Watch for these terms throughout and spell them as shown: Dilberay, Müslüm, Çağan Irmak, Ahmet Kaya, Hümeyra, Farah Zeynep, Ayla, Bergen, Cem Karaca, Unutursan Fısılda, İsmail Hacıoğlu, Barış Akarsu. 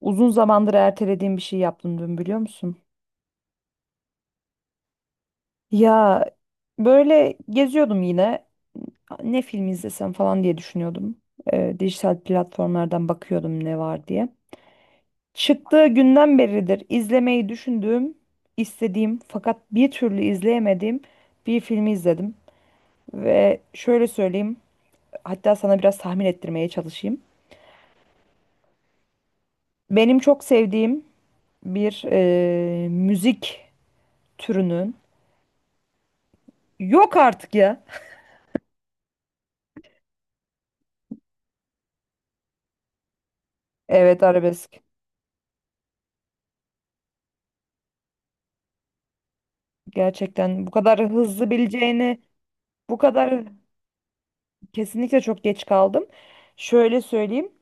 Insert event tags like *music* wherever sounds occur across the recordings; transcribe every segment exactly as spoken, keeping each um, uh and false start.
Uzun zamandır ertelediğim bir şey yaptım dün biliyor musun? Ya, böyle geziyordum yine. Ne film izlesem falan diye düşünüyordum. Ee, dijital platformlardan bakıyordum ne var diye. Çıktığı günden beridir izlemeyi düşündüğüm, istediğim fakat bir türlü izleyemediğim bir filmi izledim. Ve şöyle söyleyeyim, hatta sana biraz tahmin ettirmeye çalışayım. Benim çok sevdiğim bir e, müzik türünün, yok artık ya. Evet, arabesk. Gerçekten bu kadar hızlı bileceğini bu kadar, kesinlikle çok geç kaldım. Şöyle söyleyeyim.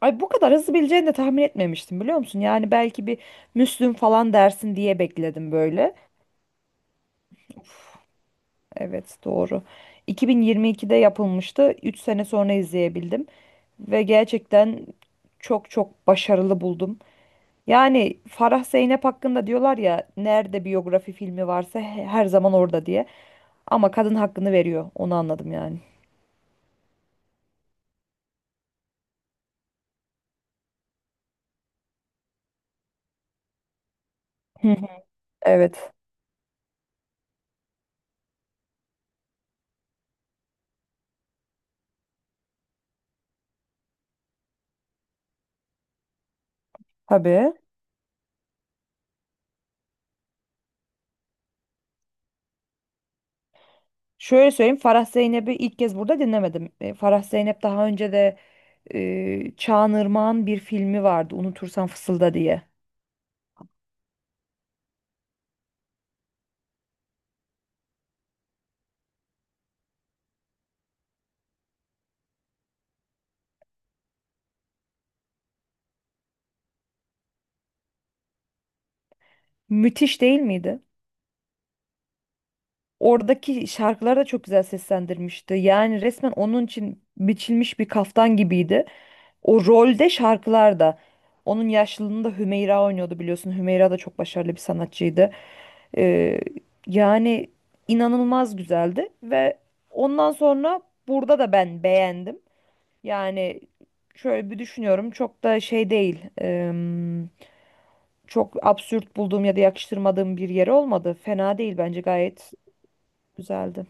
Ay, bu kadar hızlı bileceğini de tahmin etmemiştim biliyor musun? Yani belki bir Müslüm falan dersin diye bekledim böyle. Evet, doğru. iki bin yirmi ikide yapılmıştı. Üç sene sonra izleyebildim. Ve gerçekten çok çok başarılı buldum. Yani Farah Zeynep hakkında diyorlar ya, nerede biyografi filmi varsa he- her zaman orada diye. Ama kadın hakkını veriyor. Onu anladım yani. Hı hı. Evet. Tabii. Şöyle söyleyeyim. Farah Zeynep'i ilk kez burada dinlemedim. E, Farah Zeynep daha önce de e, Çağan Irmak'ın bir filmi vardı. Unutursan Fısılda diye. Müthiş değil miydi? Oradaki şarkıları da çok güzel seslendirmişti. Yani resmen onun için biçilmiş bir kaftan gibiydi. O rolde şarkılar da. Onun yaşlılığında Hümeyra oynuyordu biliyorsun. Hümeyra da çok başarılı bir sanatçıydı. Ee, yani inanılmaz güzeldi ve ondan sonra burada da ben beğendim. Yani şöyle bir düşünüyorum, çok da şey değil. Em, çok absürt bulduğum ya da yakıştırmadığım bir yeri olmadı. Fena değil, bence gayet güzeldi.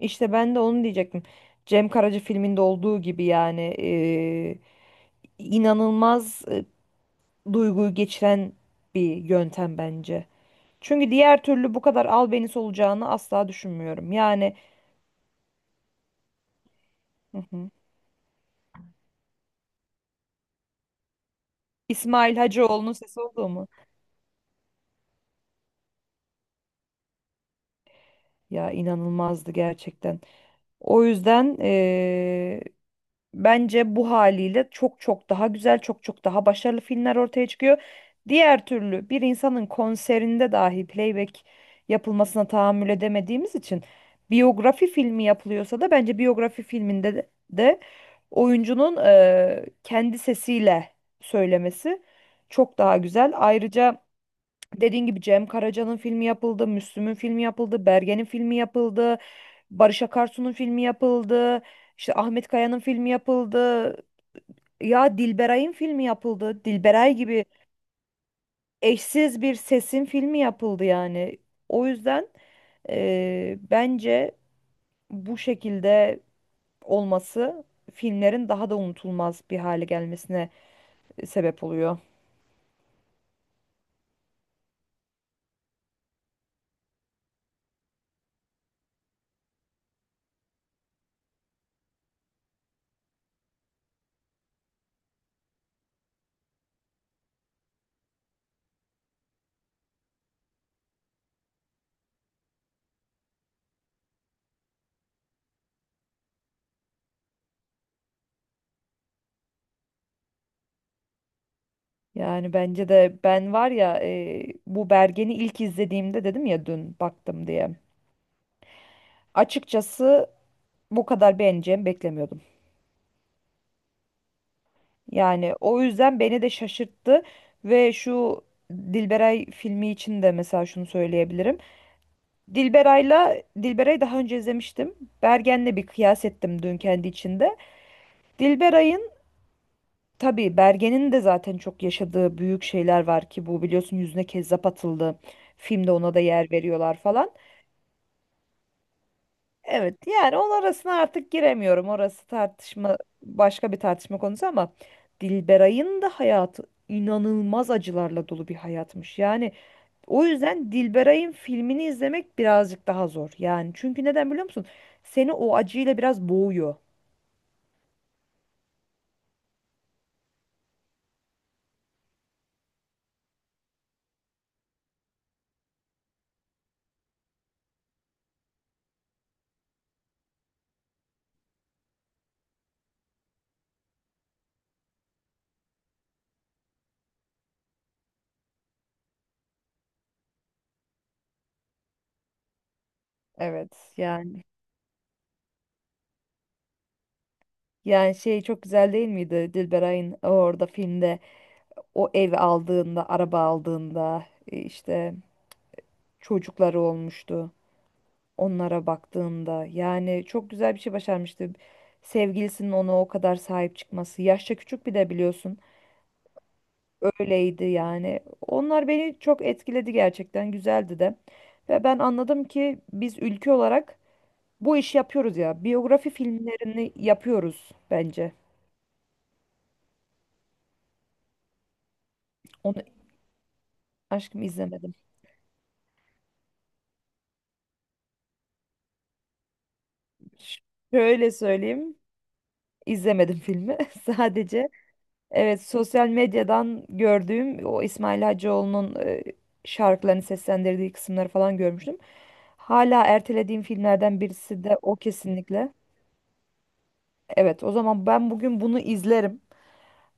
İşte ben de onu diyecektim. Cem Karaca filminde olduğu gibi yani eee, inanılmaz e, duyguyu geçiren bir yöntem bence. Çünkü diğer türlü bu kadar albenisi olacağını asla düşünmüyorum. Yani. Hı hı. İsmail Hacıoğlu'nun sesi oldu mu? Ya, inanılmazdı gerçekten. O yüzden, bence bu haliyle çok çok daha güzel, çok çok daha başarılı filmler ortaya çıkıyor. Diğer türlü bir insanın konserinde dahi playback yapılmasına tahammül edemediğimiz için biyografi filmi yapılıyorsa da bence biyografi filminde de, de oyuncunun eee, kendi sesiyle söylemesi çok daha güzel. Ayrıca dediğin gibi Cem Karaca'nın filmi yapıldı, Müslüm'ün filmi yapıldı, Bergen'in filmi yapıldı. Barış Akarsu'nun filmi yapıldı. İşte Ahmet Kaya'nın filmi yapıldı. Ya, Dilberay'ın filmi yapıldı. Dilberay gibi eşsiz bir sesin filmi yapıldı yani. O yüzden eee, bence bu şekilde olması filmlerin daha da unutulmaz bir hale gelmesine sebep oluyor. Yani bence de ben var ya, eee, bu Bergen'i ilk izlediğimde dedim ya dün baktım diye. Açıkçası bu kadar beğeneceğimi beklemiyordum. Yani o yüzden beni de şaşırttı ve şu Dilberay filmi için de mesela şunu söyleyebilirim. Dilberay'la Dilberay'ı daha önce izlemiştim. Bergen'le bir kıyas ettim dün kendi içinde. Dilberay'ın, tabii Bergen'in de zaten çok yaşadığı büyük şeyler var ki, bu biliyorsun, yüzüne kezzap atıldı. Filmde ona da yer veriyorlar falan. Evet yani onun arasına artık giremiyorum. Orası tartışma, başka bir tartışma konusu ama Dilberay'ın da hayatı inanılmaz acılarla dolu bir hayatmış. Yani o yüzden Dilberay'ın filmini izlemek birazcık daha zor. Yani çünkü neden biliyor musun? Seni o acıyla biraz boğuyor. Evet yani, yani şey çok güzel değil miydi Dilberay'ın orada filmde, o ev aldığında, araba aldığında, e, işte çocukları olmuştu, onlara baktığında. Yani çok güzel bir şey başarmıştı. Sevgilisinin ona o kadar sahip çıkması. Yaşça küçük bir de biliyorsun. Öyleydi yani. Onlar beni çok etkiledi gerçekten. Güzeldi de. Ve ben anladım ki biz ülke olarak bu işi yapıyoruz ya. Biyografi filmlerini yapıyoruz bence. Onu aşkım izlemedim. Ş- Şöyle söyleyeyim. İzlemedim filmi. *laughs* Sadece evet, sosyal medyadan gördüğüm o İsmail Hacıoğlu'nun e, şarkılarını seslendirdiği kısımları falan görmüştüm. Hala ertelediğim filmlerden birisi de o kesinlikle. Evet, o zaman ben bugün bunu izlerim.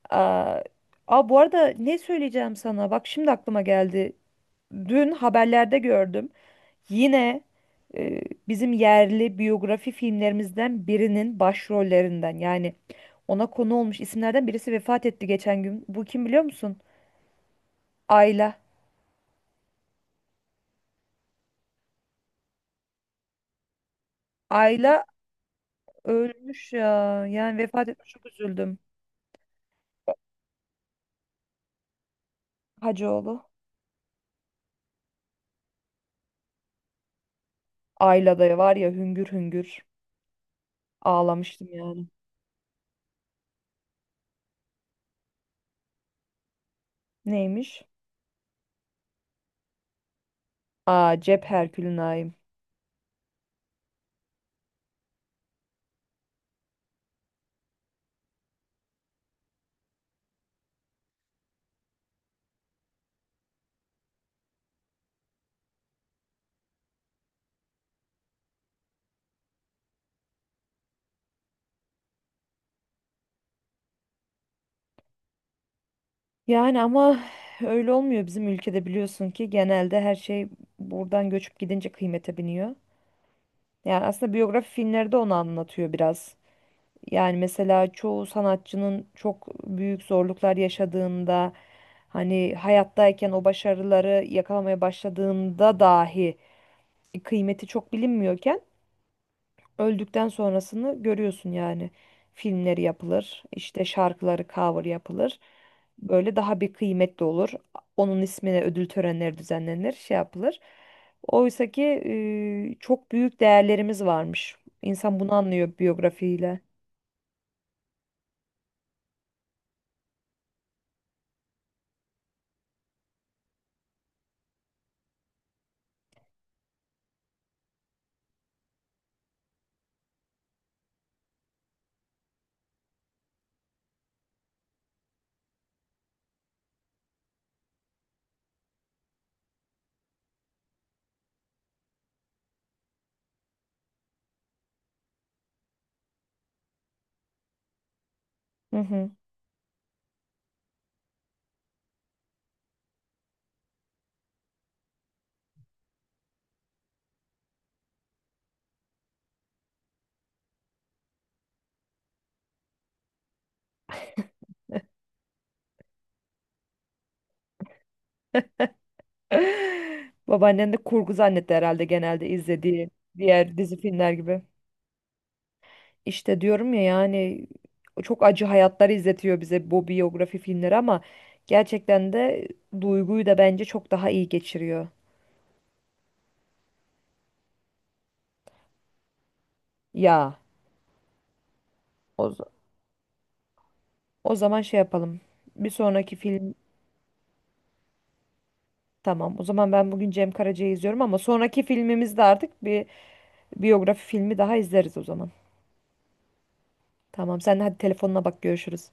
Aa, aa, bu arada ne söyleyeceğim sana? Bak şimdi aklıma geldi. Dün haberlerde gördüm. Yine e, bizim yerli biyografi filmlerimizden birinin başrollerinden, yani ona konu olmuş isimlerden birisi vefat etti geçen gün. Bu kim biliyor musun? Ayla. Ayla ölmüş ya. Yani vefat etmiş, çok üzüldüm. Hacıoğlu. Ayla da var ya, hüngür hüngür ağlamıştım yani. Neymiş? Aa, cep Herkül'ün ayım. Yani ama öyle olmuyor bizim ülkede, biliyorsun ki genelde her şey buradan göçüp gidince kıymete biniyor. Yani aslında biyografi filmleri de onu anlatıyor biraz. Yani mesela çoğu sanatçının çok büyük zorluklar yaşadığında, hani hayattayken o başarıları yakalamaya başladığında dahi kıymeti çok bilinmiyorken öldükten sonrasını görüyorsun yani. Filmleri yapılır, işte şarkıları cover yapılır. Böyle daha bir kıymetli olur. Onun ismine ödül törenleri düzenlenir, şey yapılır. Oysa ki e, çok büyük değerlerimiz varmış. İnsan bunu anlıyor biyografiyle. Hı hı. *laughs* Babaannen de kurgu zannetti herhalde, genelde izlediği diğer dizi filmler gibi. İşte diyorum ya yani çok acı hayatlar izletiyor bize bu biyografi filmleri ama gerçekten de duyguyu da bence çok daha iyi geçiriyor. Ya o, z- o zaman şey yapalım. Bir sonraki film, tamam. O zaman ben bugün Cem Karaca'yı izliyorum ama sonraki filmimizde artık bir biyografi filmi daha izleriz o zaman. Tamam, sen de hadi telefonuna bak, görüşürüz.